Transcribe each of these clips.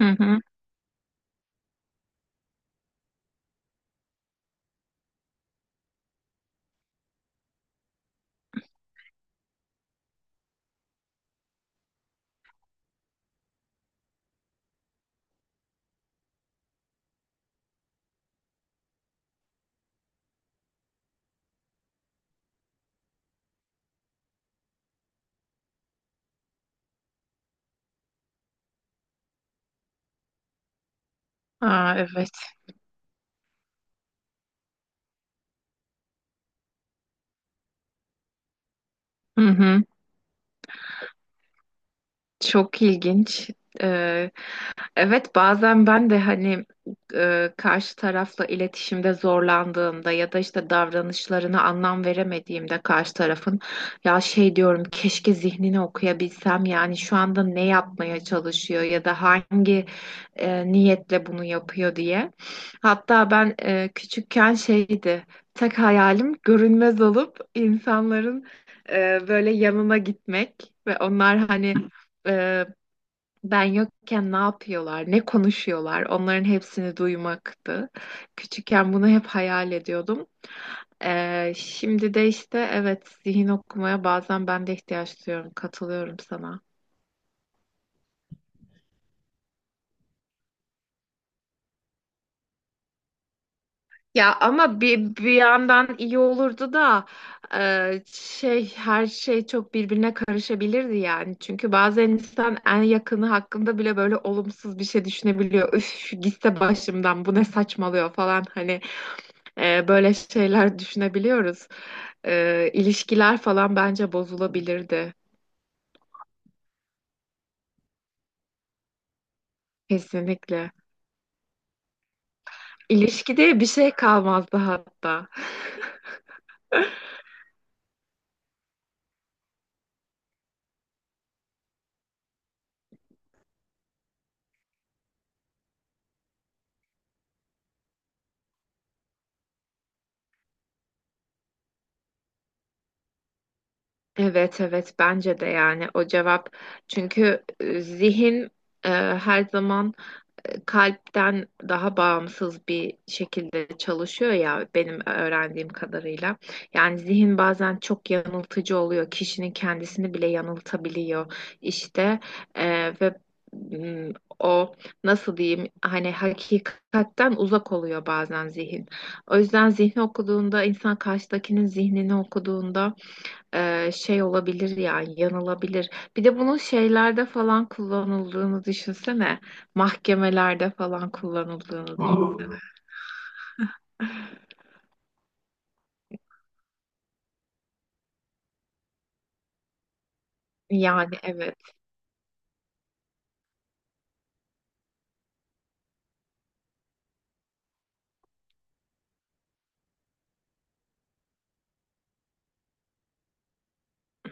Hı hı. Aa, evet. Hı hı. Çok ilginç. Ee, Evet, bazen ben de hani karşı tarafla iletişimde zorlandığımda ya da işte davranışlarına anlam veremediğimde karşı tarafın ya şey diyorum keşke zihnini okuyabilsem, yani şu anda ne yapmaya çalışıyor ya da hangi niyetle bunu yapıyor diye. Hatta ben küçükken şeydi, tek hayalim görünmez olup insanların böyle yanına gitmek ve onlar hani e, ben yokken ne yapıyorlar, ne konuşuyorlar, onların hepsini duymaktı. Küçükken bunu hep hayal ediyordum. Şimdi de işte evet, zihin okumaya bazen ben de ihtiyaç duyuyorum, katılıyorum sana. Ya ama bir yandan iyi olurdu da şey, her şey çok birbirine karışabilirdi yani. Çünkü bazen insan en yakını hakkında bile böyle olumsuz bir şey düşünebiliyor. Üf, gitse başımdan, bu ne saçmalıyor falan hani. Böyle şeyler düşünebiliyoruz. İlişkiler falan bence bozulabilirdi. Kesinlikle. İlişkide bir şey kalmazdı hatta. Evet, evet, bence de yani o cevap. Çünkü zihin e, her zaman kalpten daha bağımsız bir şekilde çalışıyor ya, benim öğrendiğim kadarıyla. Yani zihin bazen çok yanıltıcı oluyor. Kişinin kendisini bile yanıltabiliyor işte. Ve mm, o, nasıl diyeyim, hani hakikatten uzak oluyor bazen zihin. O yüzden zihni okuduğunda, insan karşıdakinin zihnini okuduğunda, şey olabilir yani yanılabilir. Bir de bunun şeylerde falan kullanıldığını düşünsene. Mahkemelerde falan kullanıldığını düşünsene. Yani evet.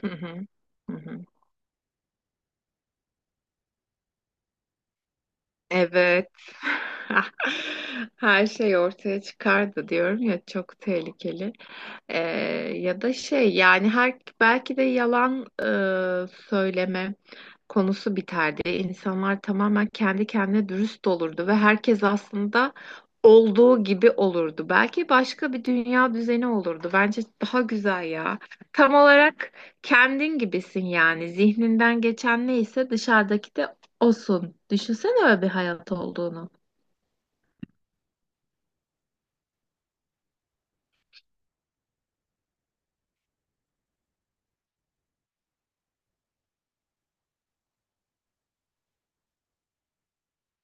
Hı hı. Hı hı. Evet. Her şey ortaya çıkardı diyorum ya, çok tehlikeli. Ee, ya da şey, yani her, belki de yalan söyleme konusu biterdi. İnsanlar tamamen kendi kendine dürüst olurdu ve herkes aslında olduğu gibi olurdu. Belki başka bir dünya düzeni olurdu. Bence daha güzel ya. Tam olarak kendin gibisin yani. Zihninden geçen neyse, dışarıdaki de olsun. Düşünsene öyle bir hayat olduğunu.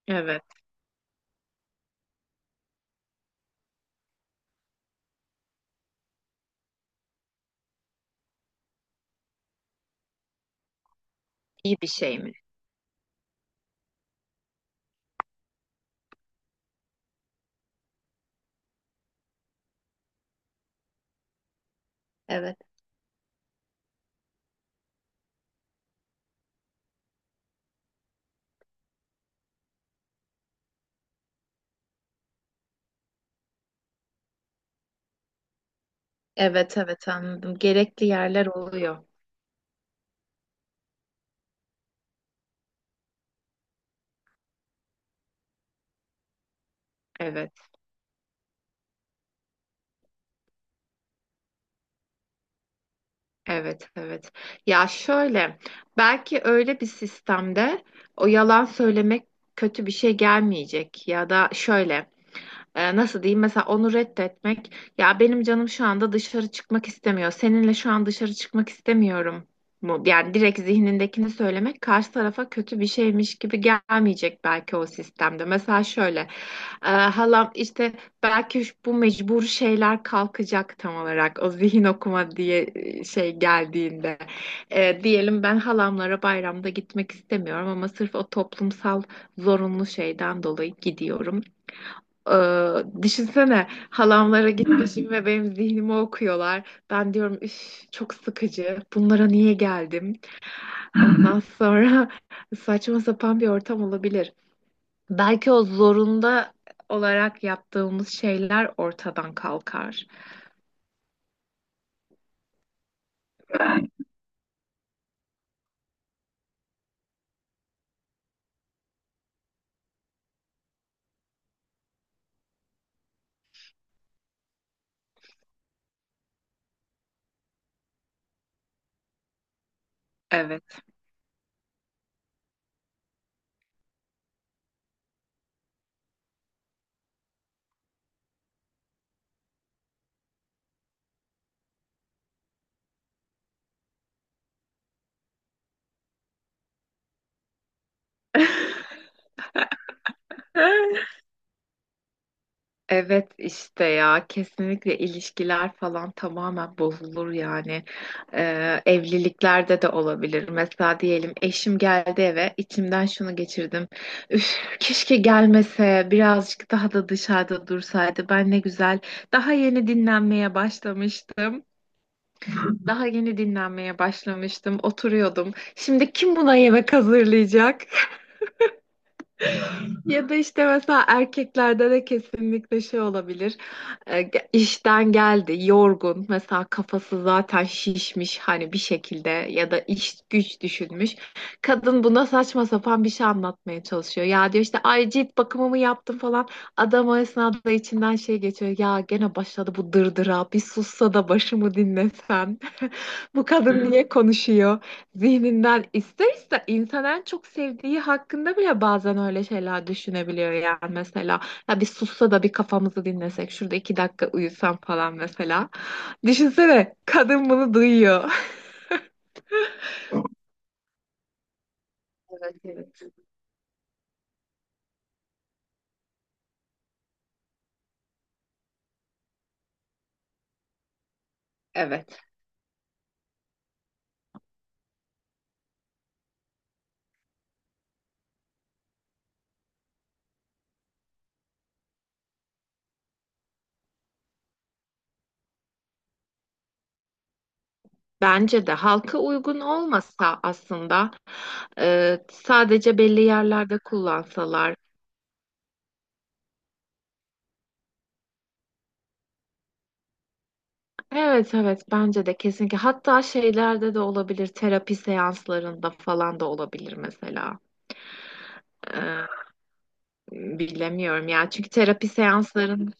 Evet. İyi bir şey mi? Evet. Evet, evet anladım. Gerekli yerler oluyor. Evet, evet, evet. Ya şöyle, belki öyle bir sistemde o yalan söylemek kötü bir şey gelmeyecek, ya da şöyle nasıl diyeyim, mesela onu reddetmek, ya benim canım şu anda dışarı çıkmak istemiyor, seninle şu an dışarı çıkmak istemiyorum mu, yani direkt zihnindekini söylemek karşı tarafa kötü bir şeymiş gibi gelmeyecek belki o sistemde. Mesela şöyle halam işte, belki bu mecbur şeyler kalkacak tam olarak, o zihin okuma diye şey geldiğinde. E, diyelim ben halamlara bayramda gitmek istemiyorum ama sırf o toplumsal zorunlu şeyden dolayı gidiyorum. Düşünsene halamlara gitmişim ve benim zihnimi okuyorlar. Ben diyorum üf, çok sıkıcı. Bunlara niye geldim? Ondan sonra saçma sapan bir ortam olabilir. Belki o zorunda olarak yaptığımız şeyler ortadan kalkar. Evet. Evet işte, ya kesinlikle ilişkiler falan tamamen bozulur yani. Evliliklerde de olabilir. Mesela diyelim eşim geldi eve, içimden şunu geçirdim, üf keşke gelmese, birazcık daha da dışarıda dursaydı, ben ne güzel daha yeni dinlenmeye başlamıştım, daha yeni dinlenmeye başlamıştım, oturuyordum, şimdi kim buna yemek hazırlayacak. Ya da işte mesela erkeklerde de kesinlikle şey olabilir. İşten geldi, yorgun. Mesela kafası zaten şişmiş hani bir şekilde, ya da iş güç düşünmüş. Kadın buna saçma sapan bir şey anlatmaya çalışıyor. Ya, diyor işte, ay cilt bakımımı yaptım falan. Adam o esnada içinden şey geçiyor. Ya gene başladı bu dırdıra. Bir sussa da başımı dinlesen. Bu kadın niye konuşuyor? Zihninden ister ister insan en çok sevdiği hakkında bile bazen öyle şeyler düşünebiliyor yani mesela. Ya bir sussa da bir kafamızı dinlesek, şurada 2 dakika uyusam falan mesela. Düşünsene kadın bunu duyuyor. Evet, evet. Evet. Bence de halka uygun olmasa, aslında sadece belli yerlerde kullansalar. Evet, evet, bence de kesinlikle. Hatta şeylerde de olabilir. Terapi seanslarında falan da olabilir mesela. Ee, bilemiyorum ya. Çünkü terapi seansların.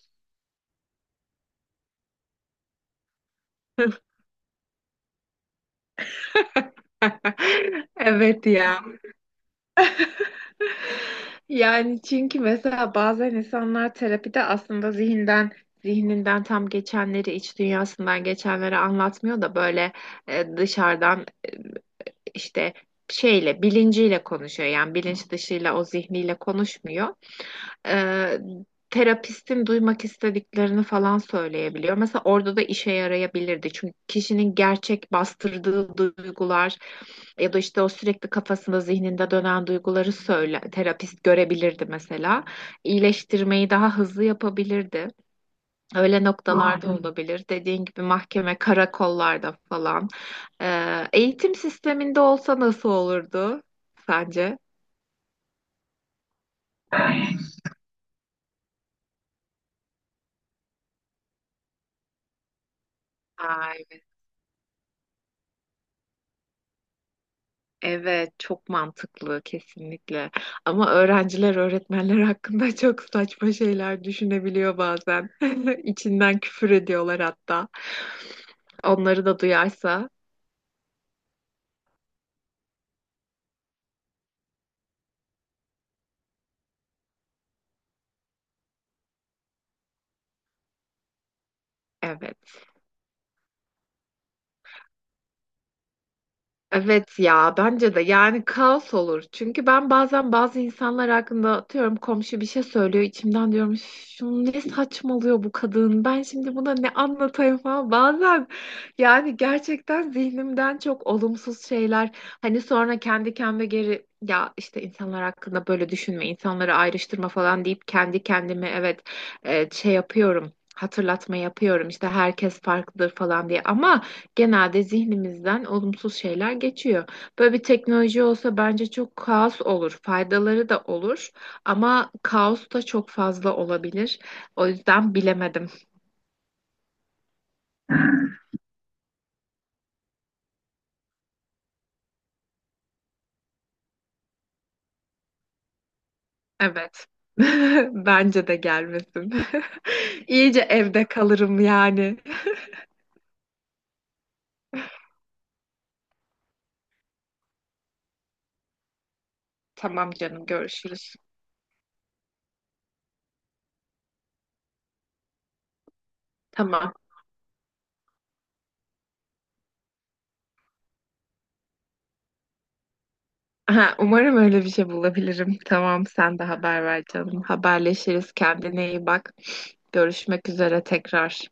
Evet ya. Yani çünkü mesela bazen insanlar terapide aslında zihninden tam geçenleri, iç dünyasından geçenleri anlatmıyor da böyle dışarıdan işte şeyle, bilinciyle konuşuyor. Yani bilinç dışıyla, o zihniyle konuşmuyor. e, terapistin duymak istediklerini falan söyleyebiliyor. Mesela orada da işe yarayabilirdi. Çünkü kişinin gerçek bastırdığı duygular ya da işte o sürekli kafasında, zihninde dönen duyguları söyle, terapist görebilirdi mesela. İyileştirmeyi daha hızlı yapabilirdi. Öyle noktalarda aynen olabilir. Dediğin gibi mahkeme, karakollarda falan. Eğitim sisteminde olsa nasıl olurdu sence? Ay. Evet, çok mantıklı kesinlikle. Ama öğrenciler öğretmenler hakkında çok saçma şeyler düşünebiliyor bazen. İçinden küfür ediyorlar hatta. Onları da duyarsa, evet. Evet ya, bence de yani kaos olur. Çünkü ben bazen bazı insanlar hakkında, atıyorum komşu bir şey söylüyor, içimden diyorum "Üf, şunu ne saçmalıyor bu kadın, ben şimdi buna ne anlatayım" falan. Bazen yani gerçekten zihnimden çok olumsuz şeyler, hani sonra kendi kendime geri, ya işte insanlar hakkında böyle düşünme, insanları ayrıştırma falan deyip kendi kendime, evet, şey yapıyorum, hatırlatma yapıyorum işte, herkes farklıdır falan diye. Ama genelde zihnimizden olumsuz şeyler geçiyor. Böyle bir teknoloji olsa bence çok kaos olur. Faydaları da olur ama kaos da çok fazla olabilir. O yüzden bilemedim. Evet. Bence de gelmesin. İyice evde kalırım yani. Tamam canım, görüşürüz. Tamam. Aha, umarım öyle bir şey bulabilirim. Tamam, sen de haber ver canım. Haberleşiriz. Kendine iyi bak. Görüşmek üzere tekrar.